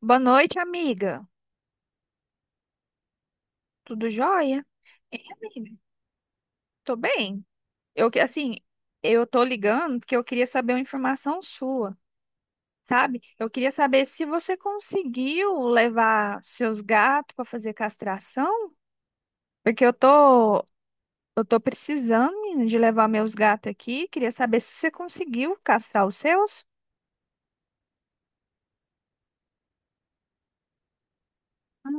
Boa noite, amiga. Tudo jóia? Hein, amiga? Tô bem. Eu que assim, eu tô ligando porque eu queria saber uma informação sua, sabe? Eu queria saber se você conseguiu levar seus gatos para fazer castração, porque eu tô precisando, menina, de levar meus gatos aqui. Queria saber se você conseguiu castrar os seus. Ah.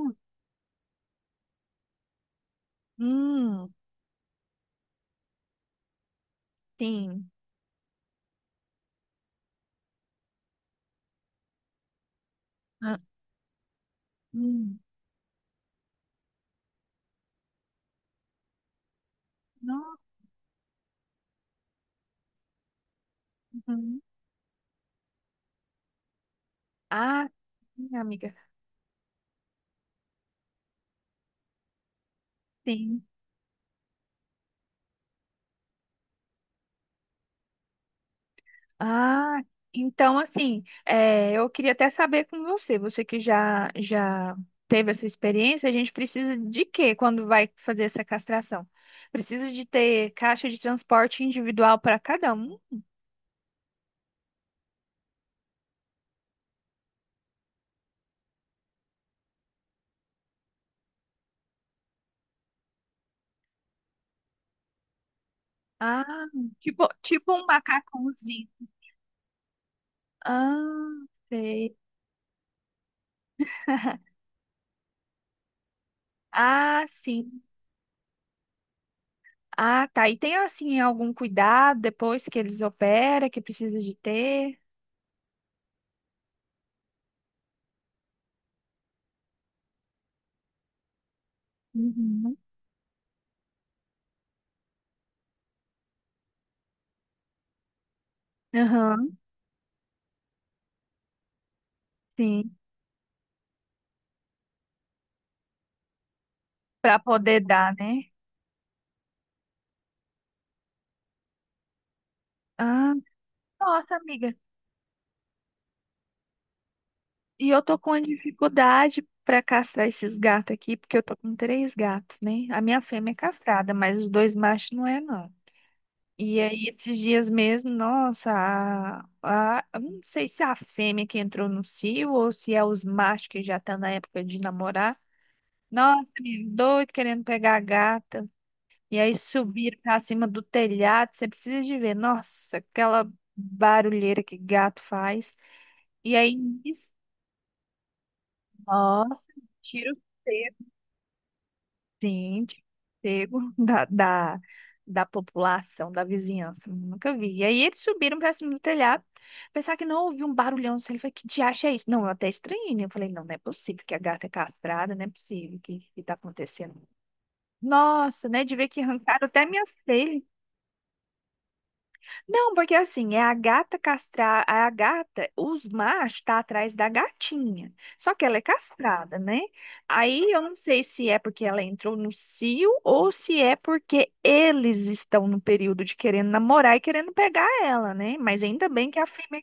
Hum. Sim. Ah. Hum. Nossa. Uhum. Ah, sim, amiga. Sim. Ah, então assim, eu queria até saber com você, você que já teve essa experiência, a gente precisa de quê quando vai fazer essa castração? Precisa de ter caixa de transporte individual para cada um? Ah, tipo um macacãozinho. Ah, sei. Ah, sim. Ah, tá. E tem assim algum cuidado depois que eles operam que precisa de ter? Uhum. Aham, sim. Para poder dar, né? Ah. Nossa, amiga. E eu tô com uma dificuldade pra castrar esses gatos aqui, porque eu tô com três gatos, né? A minha fêmea é castrada, mas os dois machos não é, não. E aí, esses dias mesmo, nossa, eu não sei se é a fêmea que entrou no cio ou se é os machos que já tá na época de namorar. Nossa, menino, doido querendo pegar a gata. E aí subir pra cima do telhado, você precisa de ver. Nossa, aquela barulheira que gato faz. E aí, nisso. Tira o sossego. Sim, de pego da população, da vizinhança. Nunca vi. E aí eles subiram pra cima do telhado. Pensar que não ouvi um barulhão assim. Ele falou: que diacho é isso? Não, eu até estranhei, né? Eu falei, não, não é possível que a gata é castrada, não é possível que tá acontecendo. Nossa, né? De ver que arrancaram até minhas telhas. Não, porque assim, é a gata castrada, a gata, os machos tá atrás da gatinha. Só que ela é castrada, né? Aí eu não sei se é porque ela entrou no cio ou se é porque eles estão no período de querendo namorar e querendo pegar ela, né? Mas ainda bem que a fêmea.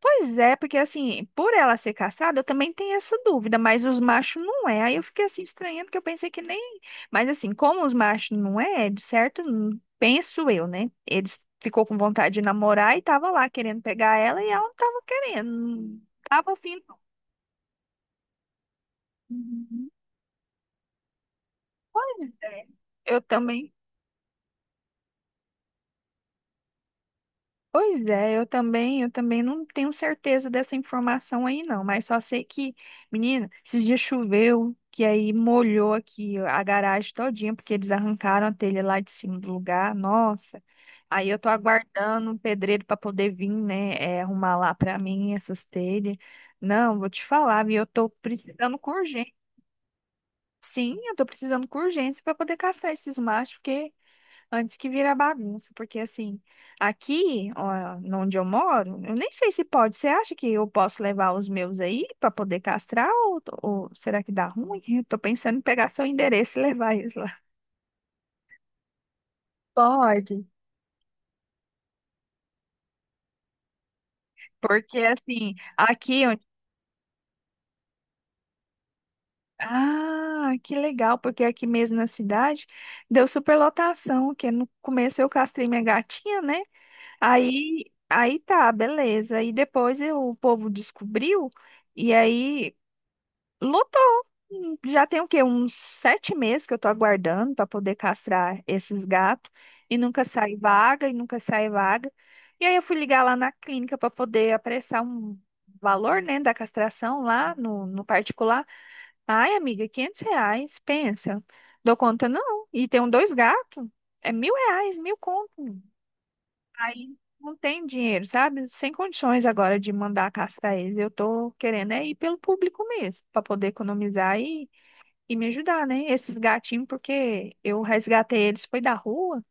Pois é, porque assim, por ela ser castrada, eu também tenho essa dúvida, mas os machos não é. Aí eu fiquei assim estranhando, porque eu pensei que nem. Mas assim, como os machos não é, de certo, penso eu, né? Eles ficou com vontade de namorar e tava lá querendo pegar ela e ela não tava querendo. Não tava afim, não. Uhum. Pois é, eu também. Pois é, eu também não tenho certeza dessa informação aí não, mas só sei que, menina, esses dias choveu, que aí molhou aqui a garagem todinha, porque eles arrancaram a telha lá de cima do lugar. Nossa. Aí eu tô aguardando um pedreiro para poder vir, né, arrumar lá para mim essas telhas. Não, vou te falar, viu? Eu tô precisando com urgência. Sim, eu tô precisando com urgência para poder caçar esses machos, porque antes que vira bagunça, porque assim, aqui, ó, onde eu moro, eu nem sei se pode. Você acha que eu posso levar os meus aí para poder castrar, ou será que dá ruim? Eu tô pensando em pegar seu endereço e levar eles lá. Pode. Porque assim, aqui onde. Ah, que legal, porque aqui mesmo na cidade deu superlotação, que no começo eu castrei minha gatinha, né? Aí tá, beleza. E depois o povo descobriu, e aí lutou. Hum. Já tem o quê? Uns 7 meses que eu tô aguardando para poder castrar esses gatos. E nunca sai vaga, e nunca sai vaga. E aí eu fui ligar lá na clínica para poder apressar um valor, né, da castração lá no particular. Ai, amiga, R$ 500, pensa. Dou conta não. E tem um dois gatos, é R$ 1.000, mil conto. Aí não tem dinheiro, sabe? Sem condições agora de mandar castrar eles. Eu tô querendo é ir pelo público mesmo, para poder economizar e me ajudar, né? Esses gatinhos, porque eu resgatei eles, foi da rua,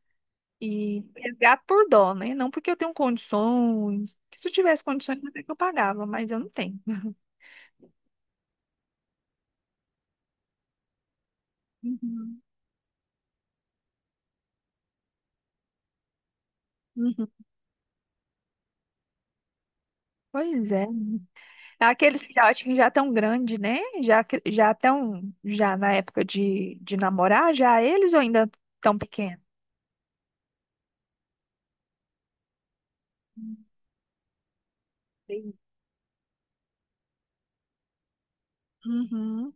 e resgato por dó, né? Não porque eu tenho condições. Se eu tivesse condições, até que eu pagava, mas eu não tenho. Uhum. Uhum. Pois é. Aqueles filhotes que já tão grande, né? Já já tão já na época de namorar, já eles ou ainda tão pequenos? Hum. Sim. Uhum.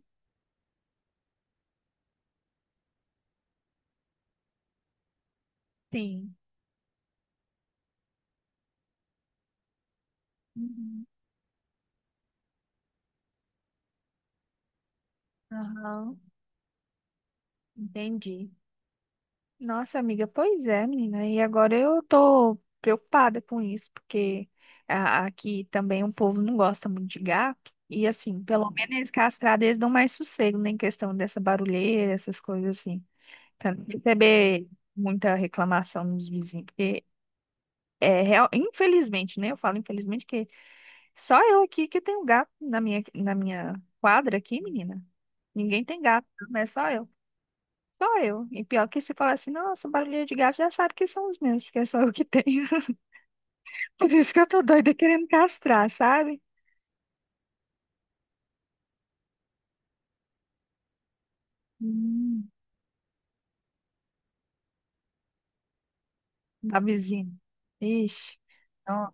Sim. Uhum. Aham. Entendi. Nossa, amiga, pois é, menina. E agora eu tô preocupada com isso, porque aqui também o povo não gosta muito de gato. E assim, pelo menos eles castrados, eles dão mais sossego, né, em questão dessa barulheira, essas coisas assim. Pra não receber muita reclamação dos vizinhos, porque é real, infelizmente, né? Eu falo infelizmente que só eu aqui que tenho gato na minha, quadra aqui, menina. Ninguém tem gato, não é só eu. Só eu. E pior que se falar assim, nossa, barulhinho de gato já sabe que são os meus, porque é só eu que tenho. Por isso que eu tô doida querendo castrar, sabe? Hum, a vizinha. Ixi. Não.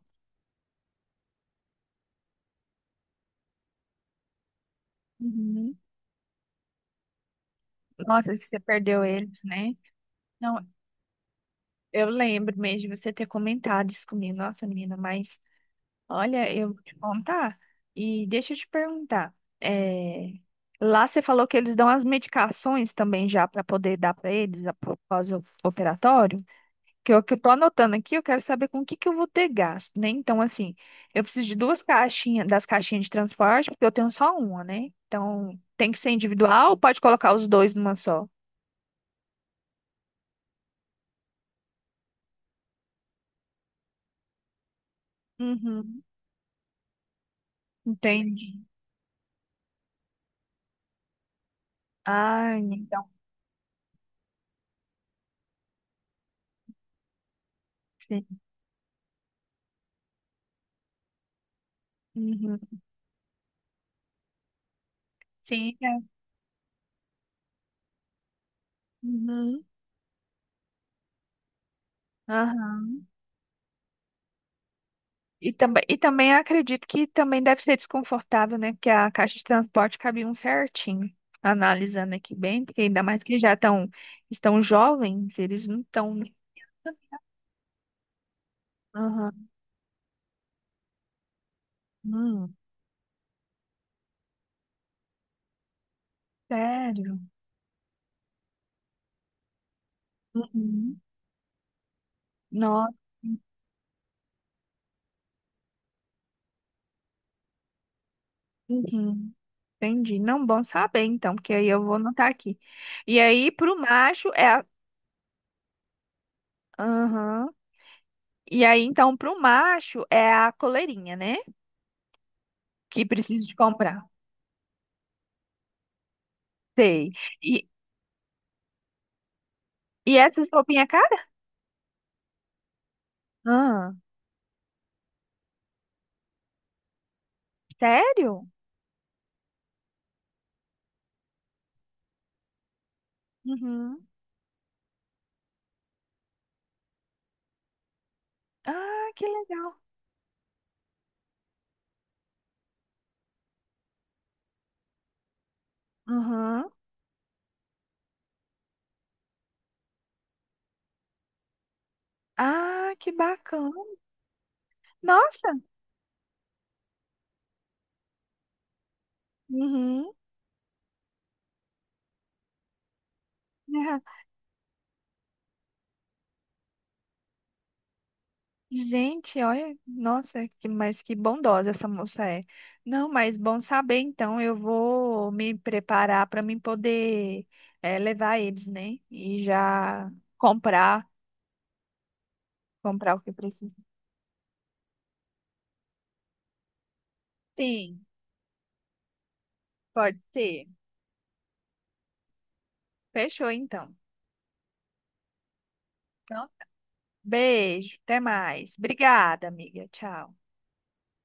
Uhum. Nossa, que você perdeu ele, né? Não, eu lembro mesmo de você ter comentado isso comigo. Nossa, menina, mas olha, eu vou te contar. E deixa eu te perguntar. É... Lá você falou que eles dão as medicações também já para poder dar para eles após o operatório? Que eu tô anotando aqui, eu quero saber com o que que eu vou ter gasto, né? Então, assim, eu preciso de duas caixinhas, das caixinhas de transporte, porque eu tenho só uma, né? Então, tem que ser individual ou pode colocar os dois numa só? Uhum, entendi. Ah, então, sim. Uhum. Sim, é. Uhum. Aham. e também, acredito que também deve ser desconfortável, né? Porque a caixa de transporte cabe um certinho. Analisando aqui bem, porque ainda mais que eles já estão jovens, eles não estão. Hum, sério? Uhum. Nossa, uhum. Entendi. Não, bom saber então, porque aí eu vou anotar aqui. E aí, pro macho é a. Aham. E aí, então, pro macho é a coleirinha, né? Que preciso de comprar. Sei. E, e essas roupinhas caras? Ah, sério? Uhum. Ah, que legal. Uhum. Ah, que bacana. Nossa. Uhum. Gente, olha, nossa, que, mas que bondosa essa moça é. Não, mas bom saber, então eu vou me preparar para mim poder levar eles, né? E já comprar, comprar o que precisa. Sim, pode ser. Fechou, então. Então, beijo, até mais. Obrigada, amiga. Tchau.